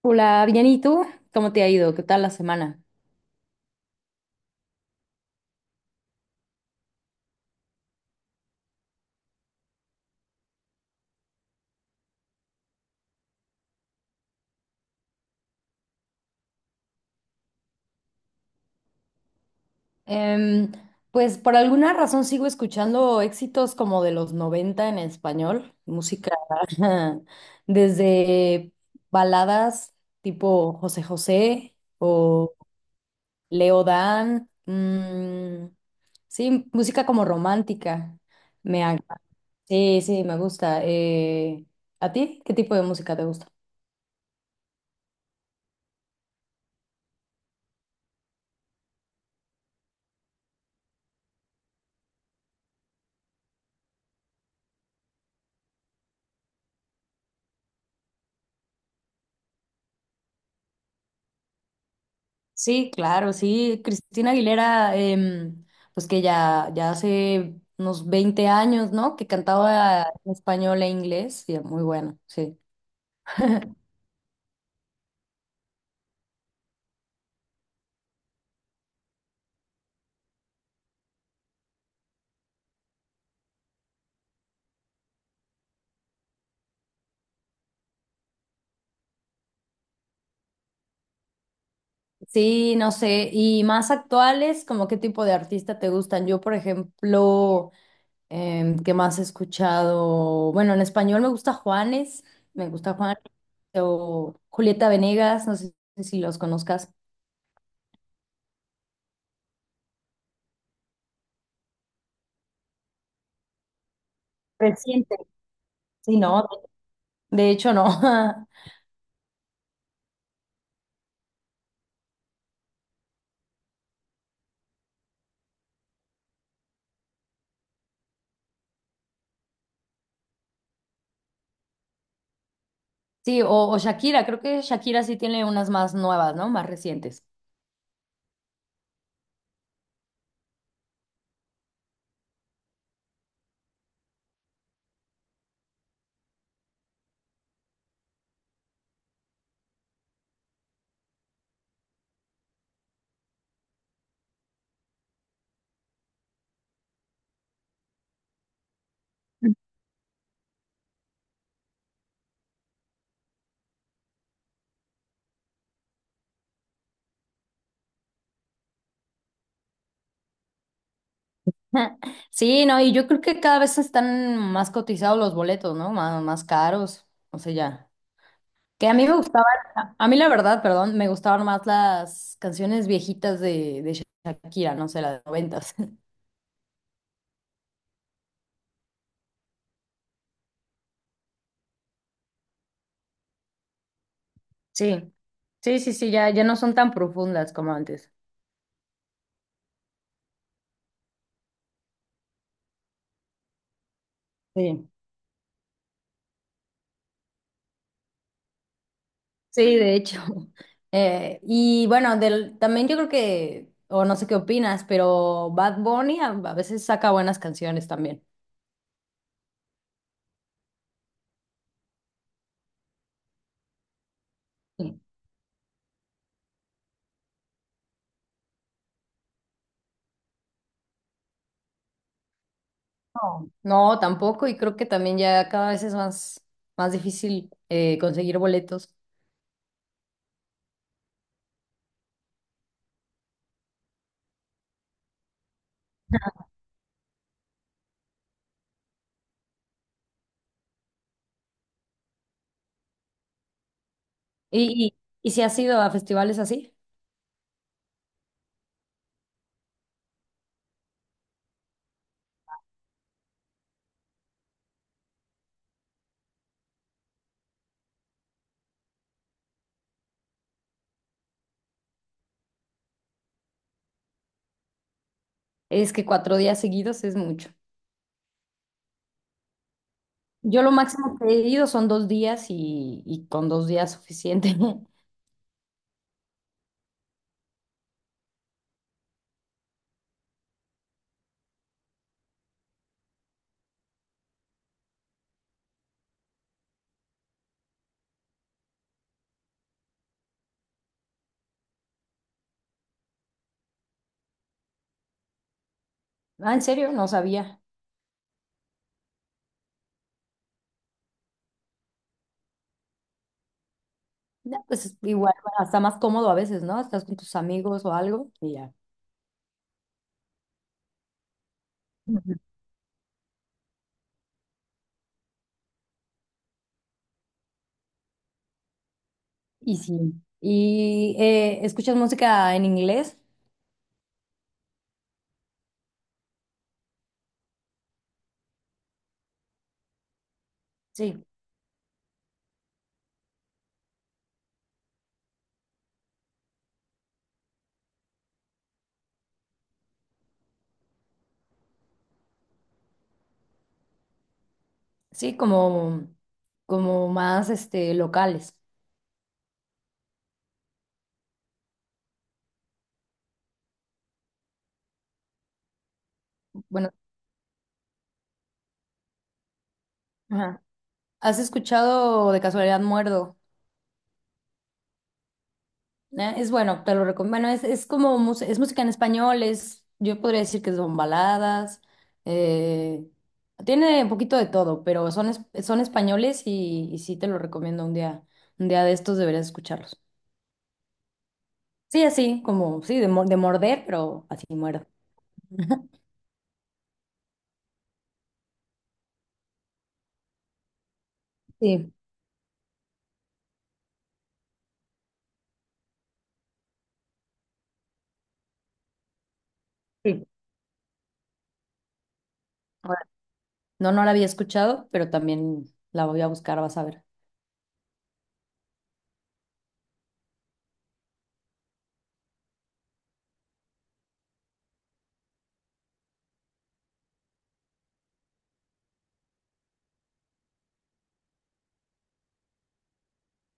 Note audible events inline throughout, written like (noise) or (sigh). Hola, bien, ¿y tú? ¿Cómo te ha ido? ¿Qué tal la semana? Em, pues por alguna razón sigo escuchando éxitos como de los 90 en español, música (laughs) desde baladas tipo José José o Leo Dan, mm, sí, música como romántica. Me, ag- sí, sí, me gusta. ¿A ti? ¿Qué tipo de música te gusta? Sí, claro, sí. Cristina Aguilera, pues que ya hace unos 20 años, ¿no? Que cantaba en español e inglés, y muy bueno, sí. (laughs) Sí, no sé. Y más actuales, ¿como qué tipo de artista te gustan? Yo, por ejemplo, ¿qué más he escuchado? Bueno, en español me gusta Juanes, me gusta Juanes, o Julieta Venegas, no sé si los conozcas. Reciente. Sí, no, de hecho no. (laughs) Sí, o Shakira, creo que Shakira sí tiene unas más nuevas, ¿no? Más recientes. (laughs) Sí, no, y yo creo que cada vez están más cotizados los boletos, ¿no? Más caros, o sea, ya. Que a mí me gustaban, A mí la verdad, perdón, me gustaban más las canciones viejitas de Shakira, no sé, las noventas. (laughs) Sí, sí, ya no son tan profundas como antes. Sí. Sí, de hecho. (laughs) Y bueno, también yo creo que, o no sé qué opinas, pero Bad Bunny a veces saca buenas canciones también. Sí. No. No, tampoco, y creo que también ya cada vez es más difícil conseguir boletos. Y, y si has ido a festivales así, es que 4 días seguidos es mucho. Yo lo máximo que he ido son 2 días y con 2 días suficiente. (laughs) Ah, ¿en serio? No sabía. No, pues igual, bueno, está más cómodo a veces, ¿no? Estás con tus amigos o algo y ya. Ujú. Y sí. ¿Y escuchas música en inglés? Sí, sí, como más este, locales. Bueno, ajá. ¿Has escuchado de casualidad Muerdo? Es bueno, te lo recomiendo. Bueno, es como es música en español, es, yo podría decir que son baladas, eh, tiene un poquito de todo, pero son españoles y sí te lo recomiendo un día de estos deberías escucharlos. Sí, así, como, sí, de morder, pero así muerdo. Sí, sí. Ahora, no, no la había escuchado, pero también la voy a buscar, vas a ver.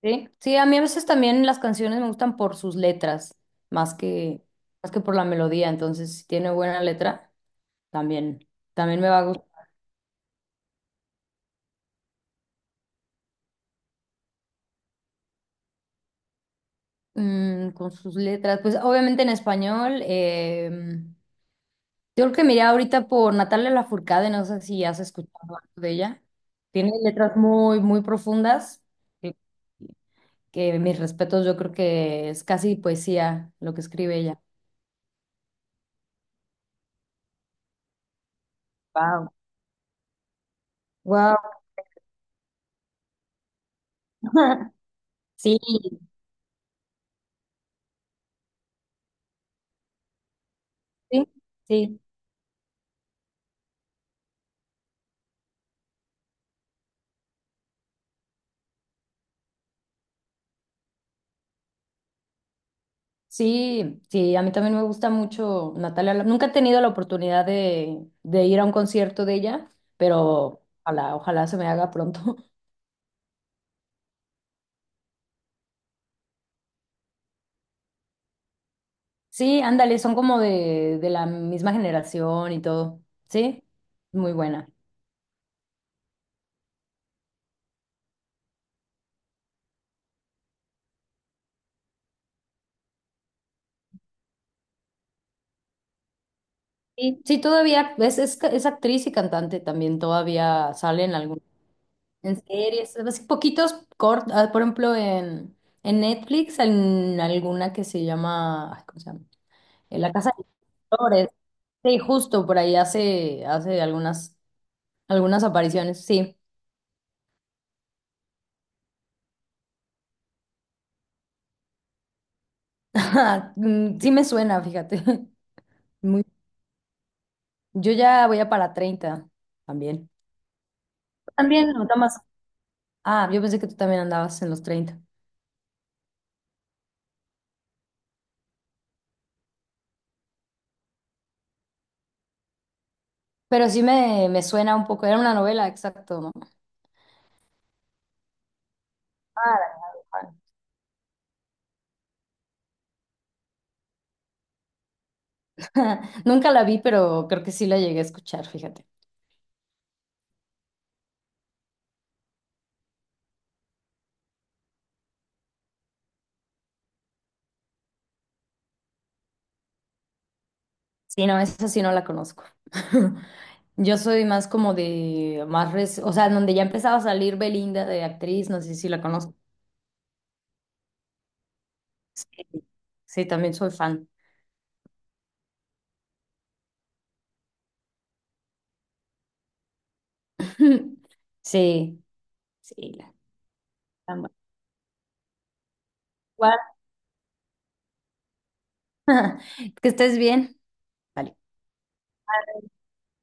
Sí, sí, a mí a veces también las canciones me gustan por sus letras, más que, más que por la melodía, entonces si tiene buena letra. También, También me va a gustar mm, con sus letras. Pues obviamente en español, yo creo que miré ahorita por Natalia Lafourcade, no sé si has escuchado algo de ella. Tiene letras muy profundas, que, que mis respetos, yo creo que es casi poesía lo que escribe ella. Wow. Wow. (laughs) Sí, sí, sí. Sí, sí, a mí también me gusta mucho Natalia. Nunca he tenido la oportunidad de ir a un concierto de ella, pero ojalá se me haga pronto. (laughs) Sí, ándale, son como de la misma generación y todo. Sí, muy buena. Sí, sí, todavía es actriz y cantante también, todavía sale en algún, en series, así poquitos cortos, por ejemplo, en Netflix, en alguna que se llama, ay, ¿cómo se llama? En La Casa Flores. Sí, justo por ahí hace algunas, algunas apariciones, sí. (laughs) Ajá. Mm, sí me suena, fíjate. (laughs) Muy- Yo ya voy a para 30, también. También, no, Tomás. Ah, yo pensé que tú también andabas en los 30. Pero me suena un poco. Era una novela, exacto, ¿no? Ah, la de Juan. (laughs) Nunca la vi, pero creo que sí la llegué a escuchar, fíjate. Sí, no, esa sí no la conozco. (laughs) Yo soy más como o sea, donde ya empezaba a salir Belinda de actriz, no sé si la conozco. Sí, sí, también soy fan. (laughs) Sí, sí, la- Tan buena. Igual, (laughs) que estés bien. Vale.